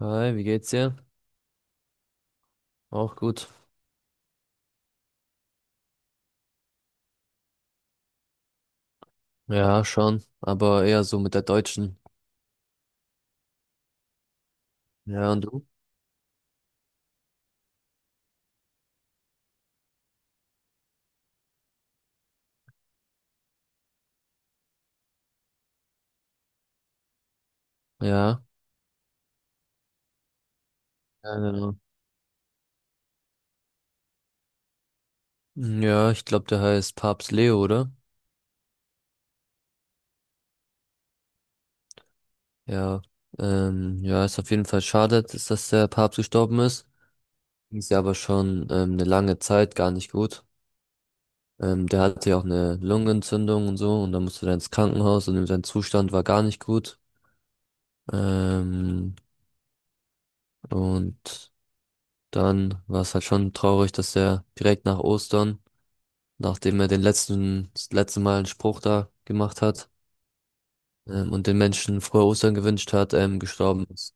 Hi, wie geht's dir? Auch gut. Ja, schon, aber eher so mit der Deutschen. Ja, und du? Ja. Keine Ahnung. Ja, ich glaube, der heißt Papst Leo, oder? Ja. Ja, ist auf jeden Fall schade, dass der Papst gestorben ist. Ist ja aber schon eine lange Zeit gar nicht gut. Der hatte ja auch eine Lungenentzündung und so, und dann musste er ins Krankenhaus und sein Zustand war gar nicht gut. Ähm, und dann war es halt schon traurig, dass er direkt nach Ostern, nachdem er das letzte Mal einen Spruch da gemacht hat, und den Menschen frohe Ostern gewünscht hat, gestorben ist.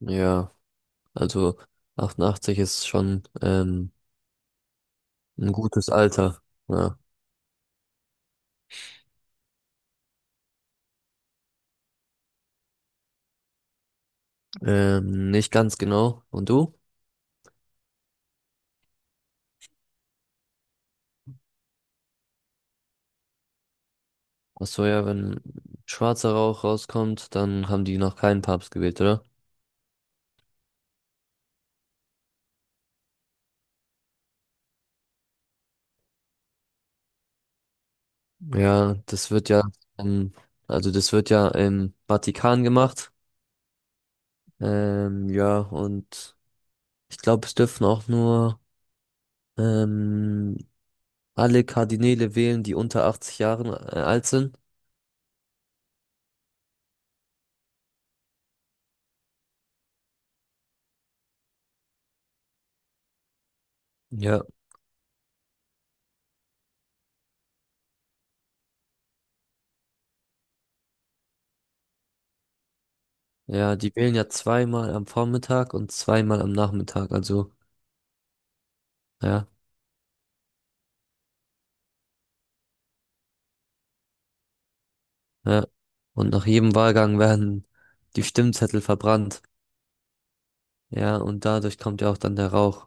Ja, also 88 ist schon ein gutes Alter. Ja. Nicht ganz genau. Und du? Ach so, ja, wenn schwarzer Rauch rauskommt, dann haben die noch keinen Papst gewählt, oder? Ja, das wird ja, ähm, also das wird ja im Vatikan gemacht. Ja, und ich glaube, es dürfen auch nur ähm, alle Kardinäle wählen, die unter 80 Jahren alt sind. Ja, ja, die wählen ja zweimal am Vormittag und zweimal am Nachmittag. Also, ja, ja. Und nach jedem Wahlgang werden die Stimmzettel verbrannt. Ja, und dadurch kommt ja auch dann der Rauch.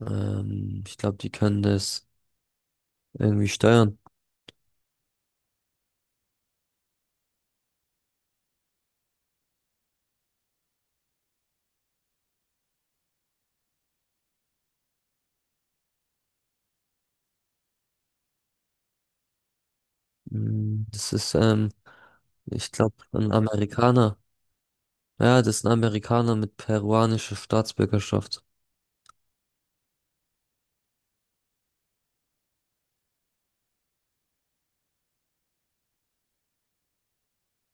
Ich glaube, die können das irgendwie steuern. Mm, das ist, ich glaube, ein Amerikaner. Ja, das ist ein Amerikaner mit peruanischer Staatsbürgerschaft.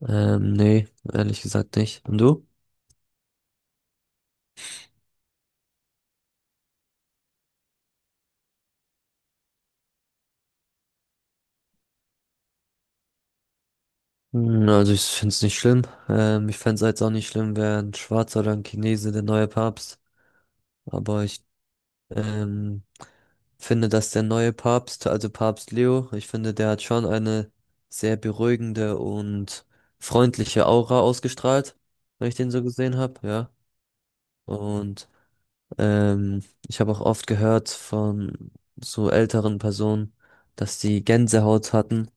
Nee, ehrlich gesagt nicht. Und du? Hm, also ich finde es nicht schlimm. Ich fände es jetzt auch nicht schlimm, wäre ein Schwarzer oder ein Chinese der neue Papst. Aber ich ähm, finde, dass der neue Papst, also Papst Leo, ich finde, der hat schon eine sehr beruhigende und freundliche Aura ausgestrahlt, wenn ich den so gesehen habe, ja. Und ich habe auch oft gehört von so älteren Personen, dass die Gänsehaut hatten,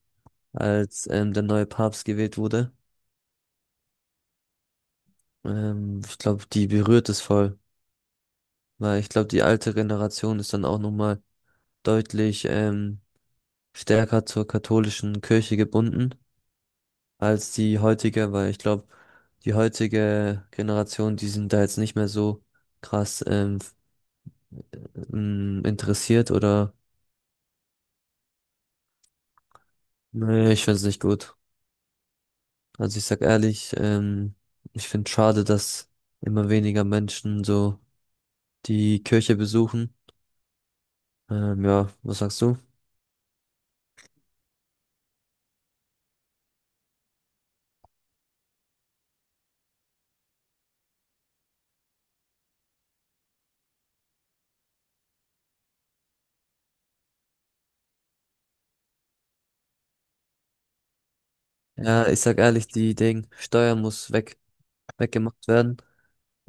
als der neue Papst gewählt wurde. Ich glaube, die berührt es voll, weil ich glaube, die alte Generation ist dann auch nochmal deutlich stärker zur katholischen Kirche gebunden als die heutige, weil ich glaube, die heutige Generation, die sind da jetzt nicht mehr so krass interessiert oder. Nee, ich finde es nicht gut. Also ich sag ehrlich, ich finde schade, dass immer weniger Menschen so die Kirche besuchen. Ja, was sagst du? Ja, ich sag ehrlich, die Ding, Steuer muss weg, weggemacht werden.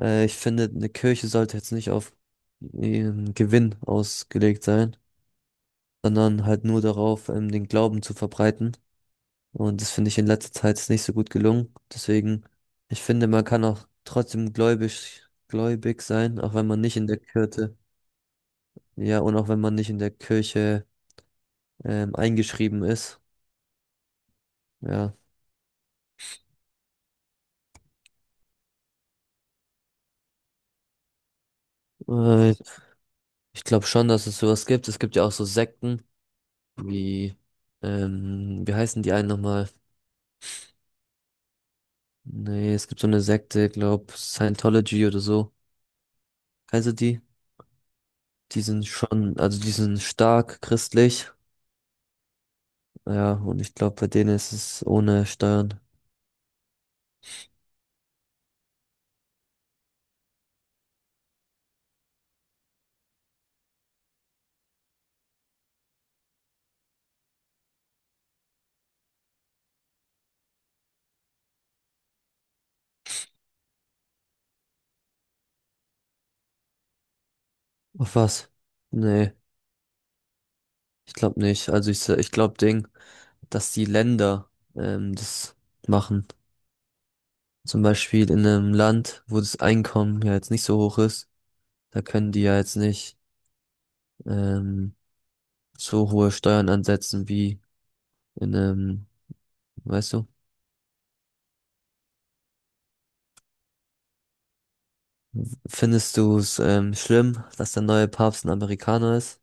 Ich finde, eine Kirche sollte jetzt nicht auf ihren Gewinn ausgelegt sein, sondern halt nur darauf, den Glauben zu verbreiten. Und das finde ich in letzter Zeit ist nicht so gut gelungen. Deswegen, ich finde, man kann auch trotzdem gläubig sein, auch wenn man nicht in der Kirche, ja, und auch wenn man nicht in der Kirche eingeschrieben ist. Ja, äh, ich glaube schon, dass es sowas gibt. Es gibt ja auch so Sekten. Wie, wie heißen die einen nochmal? Nee, es gibt so eine Sekte, glaub, Scientology oder so. Kennst du die? Die sind schon, also die sind stark christlich. Ja, und ich glaube, bei denen ist es ohne Steuern. Auf was? Nee, ich glaube nicht. Also ich glaube, Ding, dass die Länder das machen. Zum Beispiel in einem Land, wo das Einkommen ja jetzt nicht so hoch ist, da können die ja jetzt nicht ähm, so hohe Steuern ansetzen wie in einem. Weißt du? Findest du es schlimm, dass der neue Papst ein Amerikaner ist?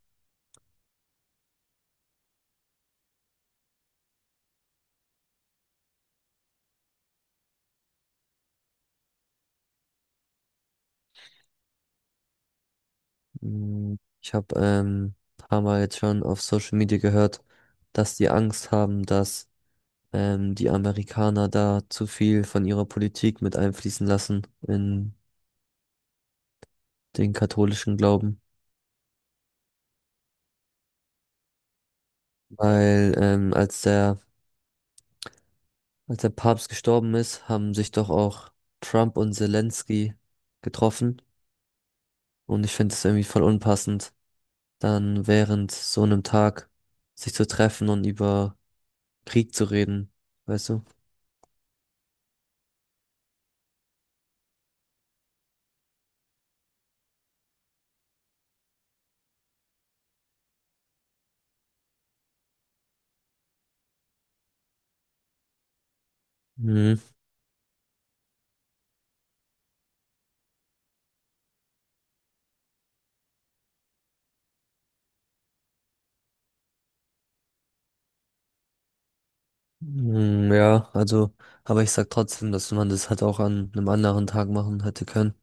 Mm, ich habe ein paar Mal jetzt schon auf Social Media gehört, dass die Angst haben, dass die Amerikaner da zu viel von ihrer Politik mit einfließen lassen in den katholischen Glauben. Weil ähm, als der, Als der Papst gestorben ist, haben sich doch auch Trump und Zelensky getroffen. Und ich finde es irgendwie voll unpassend, dann während so einem Tag sich zu treffen und über Krieg zu reden, weißt du? Mhm. Mhm, ja, also, aber ich sag trotzdem, dass man das halt auch an einem anderen Tag machen hätte können.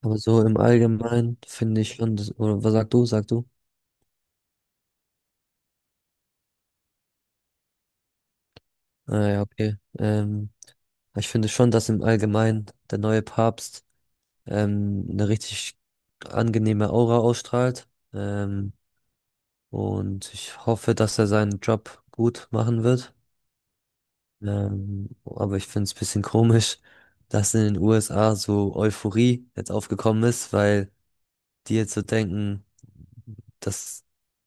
Aber so im Allgemeinen finde ich schon, das, oder was sagst du, sagst du? Ah, ja, okay. Ich finde schon, dass im Allgemeinen der neue Papst eine richtig angenehme Aura ausstrahlt. Ähm, und ich hoffe, dass er seinen Job gut machen wird. Aber ich finde es ein bisschen komisch, dass in den USA so Euphorie jetzt aufgekommen ist, weil die jetzt so denken, dass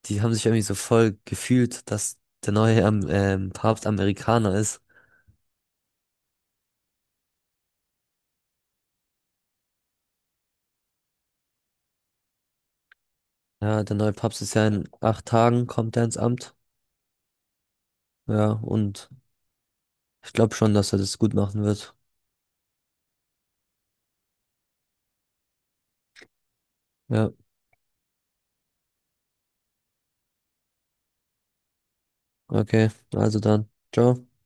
die haben sich irgendwie so voll gefühlt, dass der neue Papst Amerikaner ist. Ja, der neue Papst ist ja in 8 Tagen, kommt er ins Amt. Ja, und ich glaube schon, dass er das gut machen wird. Ja, okay, also dann. Ciao.